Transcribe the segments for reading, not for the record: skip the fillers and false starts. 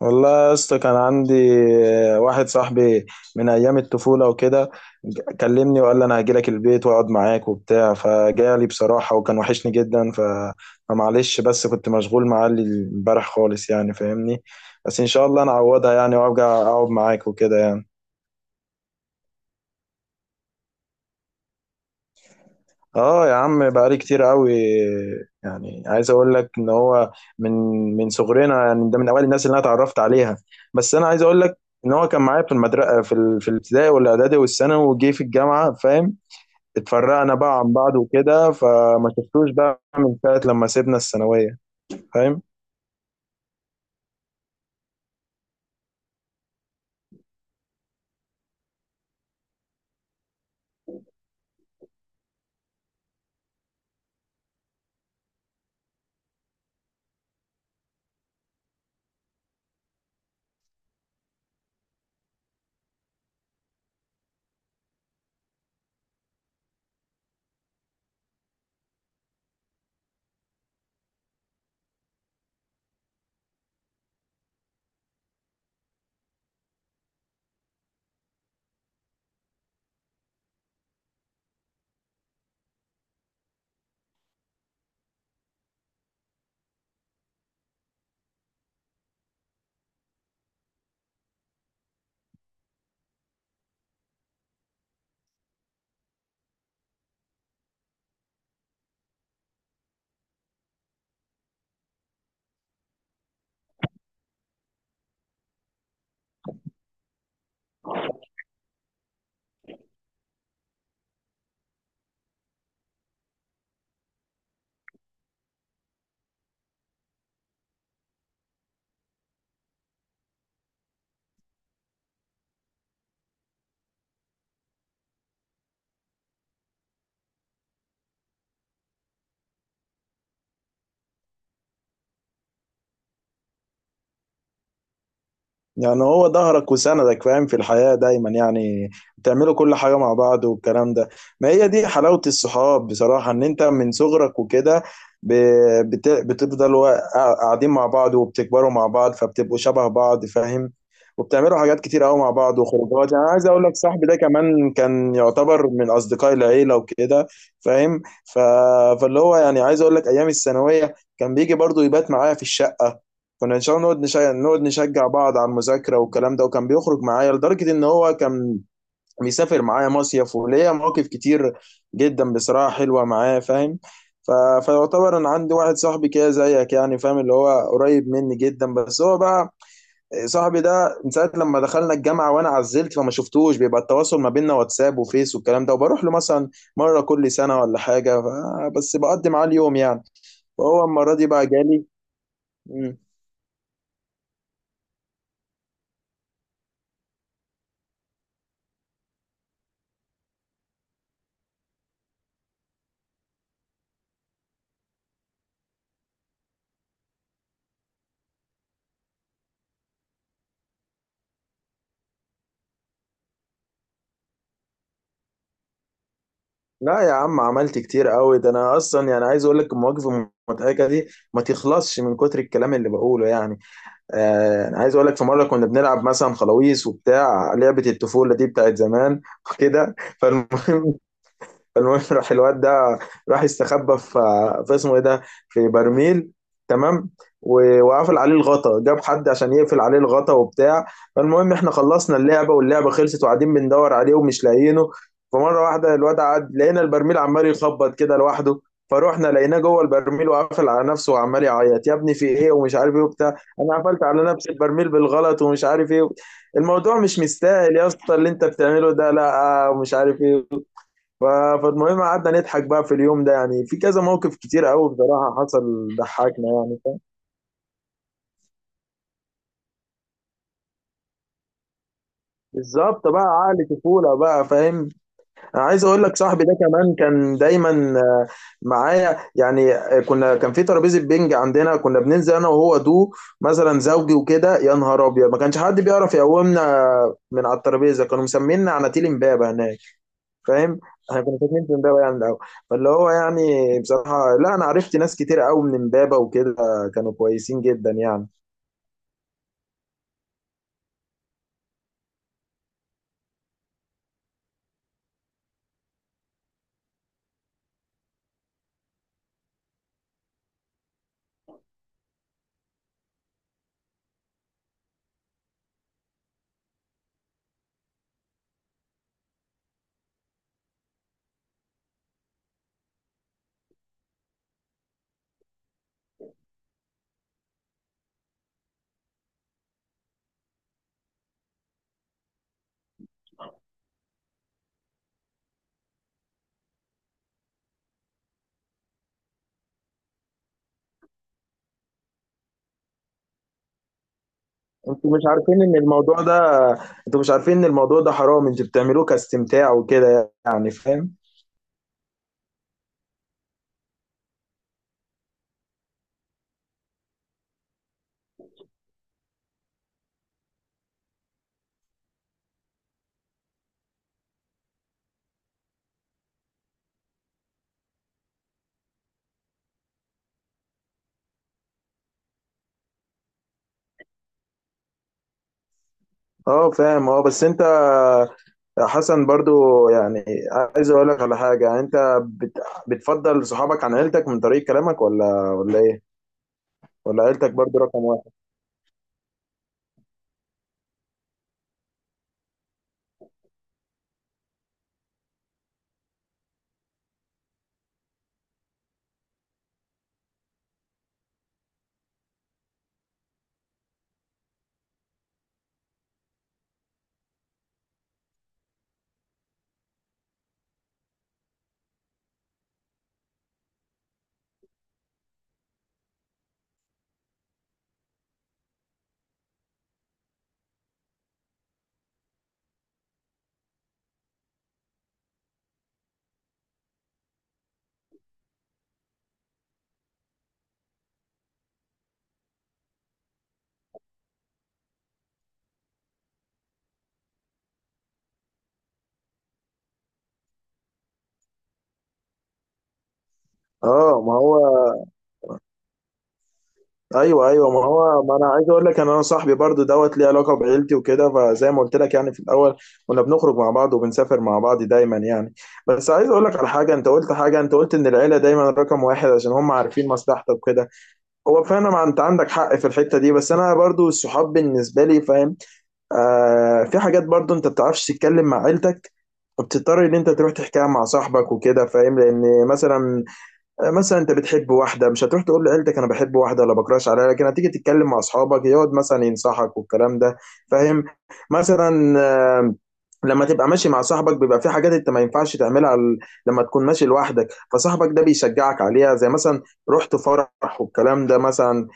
والله يا اسطى، كان عندي واحد صاحبي من ايام الطفوله وكده. كلمني وقال لي انا هجيلك البيت واقعد معاك وبتاع، فجالي بصراحه وكان وحشني جدا. فمعلش، بس كنت مشغول معاه امبارح خالص، يعني فاهمني. بس ان شاء الله انا اعوضها، يعني وارجع اقعد معاك وكده يعني. اه يا عم، بقالي كتير قوي. يعني عايز اقول لك ان هو من من صغرنا، يعني ده من اوائل الناس اللي انا اتعرفت عليها. بس انا عايز اقول لك ان هو كان معايا في المدرسه في الابتدائي والاعدادي والثانوي، وجي في الجامعه فاهم. اتفرقنا بقى عن بعض وكده، فما شفتوش بقى من ساعه لما سيبنا الثانويه فاهم. يعني هو ظهرك وسندك فاهم، في الحياة دايما يعني، بتعملوا كل حاجة مع بعض والكلام ده. ما هي دي حلاوة الصحاب بصراحة، ان انت من صغرك وكده بتفضلوا قاعدين مع بعض وبتكبروا مع بعض فبتبقوا شبه بعض فاهم. وبتعملوا حاجات كتير قوي مع بعض وخروجات، يعني عايز اقول لك صاحبي ده كمان كان يعتبر من اصدقاء العيلة وكده فاهم. فاللي هو يعني عايز اقول لك ايام الثانوية كان بيجي برضو يبات معايا في الشقة. كنا ان شاء الله نقعد نشجع بعض على المذاكره والكلام ده، وكان بيخرج معايا لدرجه ان هو كان بيسافر معايا مصيف، وليا مواقف كتير جدا بصراحه حلوه معاه فاهم. ف... فيعتبر انا عندي واحد صاحبي كده زيك، يعني فاهم اللي هو قريب مني جدا. بس هو بقى صاحبي ده من ساعه لما دخلنا الجامعه وانا عزلت فما شفتوش، بيبقى التواصل ما بيننا واتساب وفيس والكلام ده، وبروح له مثلا مره كل سنه ولا حاجه. بس بقضي معاه اليوم يعني. فهو المره دي بقى جالي. لا يا عم، عملت كتير قوي ده. انا اصلا يعني عايز اقول لك المواقف المضحكه دي ما تخلصش من كتر الكلام اللي بقوله يعني. آه انا عايز اقول لك في مره كنا بنلعب مثلا خلاويص وبتاع، لعبه الطفوله دي بتاعت زمان وكده. فالمهم راح الواد ده، راح يستخبى في اسمه ايه ده، في برميل تمام. وقفل عليه الغطا، جاب حد عشان يقفل عليه الغطا وبتاع. فالمهم احنا خلصنا اللعبه واللعبه خلصت وقاعدين بندور عليه ومش لاقيينه. فمره واحده الواد قعد، لقينا البرميل عمال يخبط كده لوحده. فروحنا لقيناه جوه البرميل وقافل على نفسه وعمال يعيط، يا ابني في ايه ومش عارف ايه وبتاع. انا قفلت على نفسي البرميل بالغلط ومش عارف ايه، الموضوع مش مستاهل يا اسطى اللي انت بتعمله ده لا، ومش عارف ايه. ف- فالمهم قعدنا نضحك بقى في اليوم ده، يعني في كذا موقف كتير قوي بصراحة حصل ضحكنا يعني. بالظبط بقى، عقل طفولة بقى فاهم. انا عايز اقول لك صاحبي ده كمان كان دايما آه، معايا، يعني كنا كان في ترابيزة بينج عندنا، كنا بننزل انا وهو دو مثلا زوجي وكده. يا نهار ابيض ما كانش حد بيعرف يقومنا من على الترابيزة، كانوا مسمينا عناتيل امبابة هناك فاهم. احنا كنا فاكرين في امبابه يعني الاول. فاللي هو يعني بصراحه، لا انا عرفت ناس كتير قوي من امبابه وكده، كانوا كويسين جدا يعني. انتوا مش عارفين ان الموضوع ده انتوا مش عارفين ان الموضوع ده حرام، انتوا بتعملوه كاستمتاع وكده يعني فاهم. اه فاهم، اه بس انت يا حسن برضو يعني، عايز اقول لك على حاجه. يعني انت بتفضل صحابك عن عيلتك من طريق كلامك، ولا ايه؟ ولا عيلتك برضو رقم واحد؟ اه ما هو، ايوه ايوه ما هو. ما انا عايز اقول لك ان انا صاحبي برضو دوت ليه علاقه بعيلتي وكده، فزي ما قلت لك يعني في الاول كنا بنخرج مع بعض وبنسافر مع بعض دايما يعني. بس عايز اقول لك على حاجه، انت قلت حاجه، انت قلت ان العيله دايما رقم واحد عشان هم عارفين مصلحتك وكده. هو فعلا، ما انت عندك حق في الحته دي، بس انا برضو الصحاب بالنسبه لي فاهم. آه في حاجات برضو انت بتعرفش تتكلم مع عيلتك، وبتضطر ان انت تروح تحكيها مع صاحبك وكده فاهم. لان مثلا انت بتحب واحده، مش هتروح تقول لعيلتك انا بحب واحده ولا بكراش عليها، لكن هتيجي تتكلم مع اصحابك يقعد مثلا ينصحك والكلام ده فاهم. مثلا آه، لما تبقى ماشي مع صاحبك بيبقى في حاجات انت ما ينفعش تعملها لما تكون ماشي لوحدك. فصاحبك ده بيشجعك عليها، زي مثلا رحت فرح والكلام ده. مثلا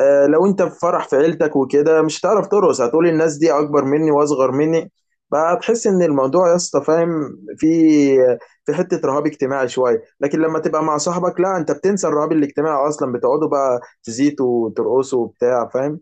لو انت في فرح في عيلتك وكده، مش هتعرف ترقص، هتقول الناس دي اكبر مني واصغر مني، فهتحس ان الموضوع يا اسطى فاهم، في حته رهاب اجتماعي شويه. لكن لما تبقى مع صاحبك لا، انت بتنسى الرهاب الاجتماعي اصلا، بتقعدوا بقى تزيتوا وترقصوا وبتاع فاهم.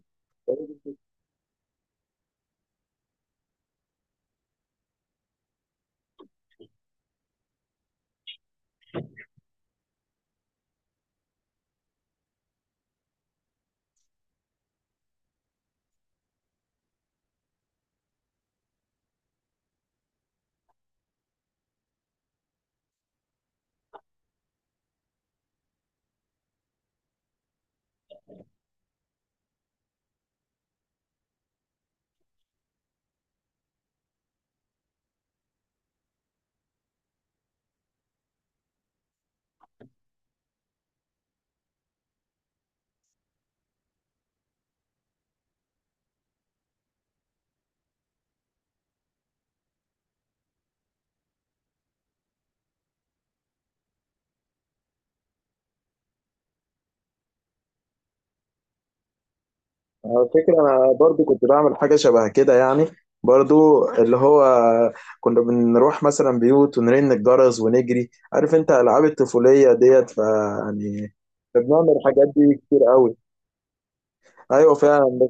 على فكره انا برضو كنت بعمل حاجه شبه كده يعني، برضو اللي هو كنا بنروح مثلا بيوت ونرن الجرس ونجري، عارف انت العاب الطفوليه ديت. فيعني بنعمل الحاجات دي كتير قوي. ايوه فعلا،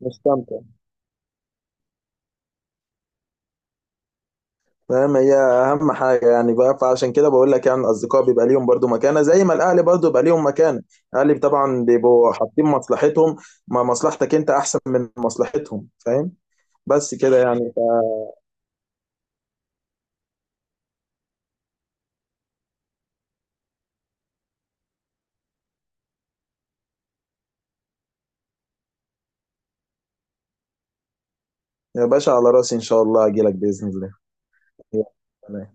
مستمتع فاهم، هي اهم حاجه يعني بقى. فعشان كده بقول لك يعني الاصدقاء بيبقى ليهم برضو مكانه، زي ما الاهلي برضو بيبقى ليهم مكانه. الاهلي طبعا بيبقوا حاطين مصلحتهم، ما مصلحتك انت احسن من مصلحتهم فاهم. بس كده يعني. يا باشا على راسي، ان شاء الله اجي لك باذن الله. يلا، سلام.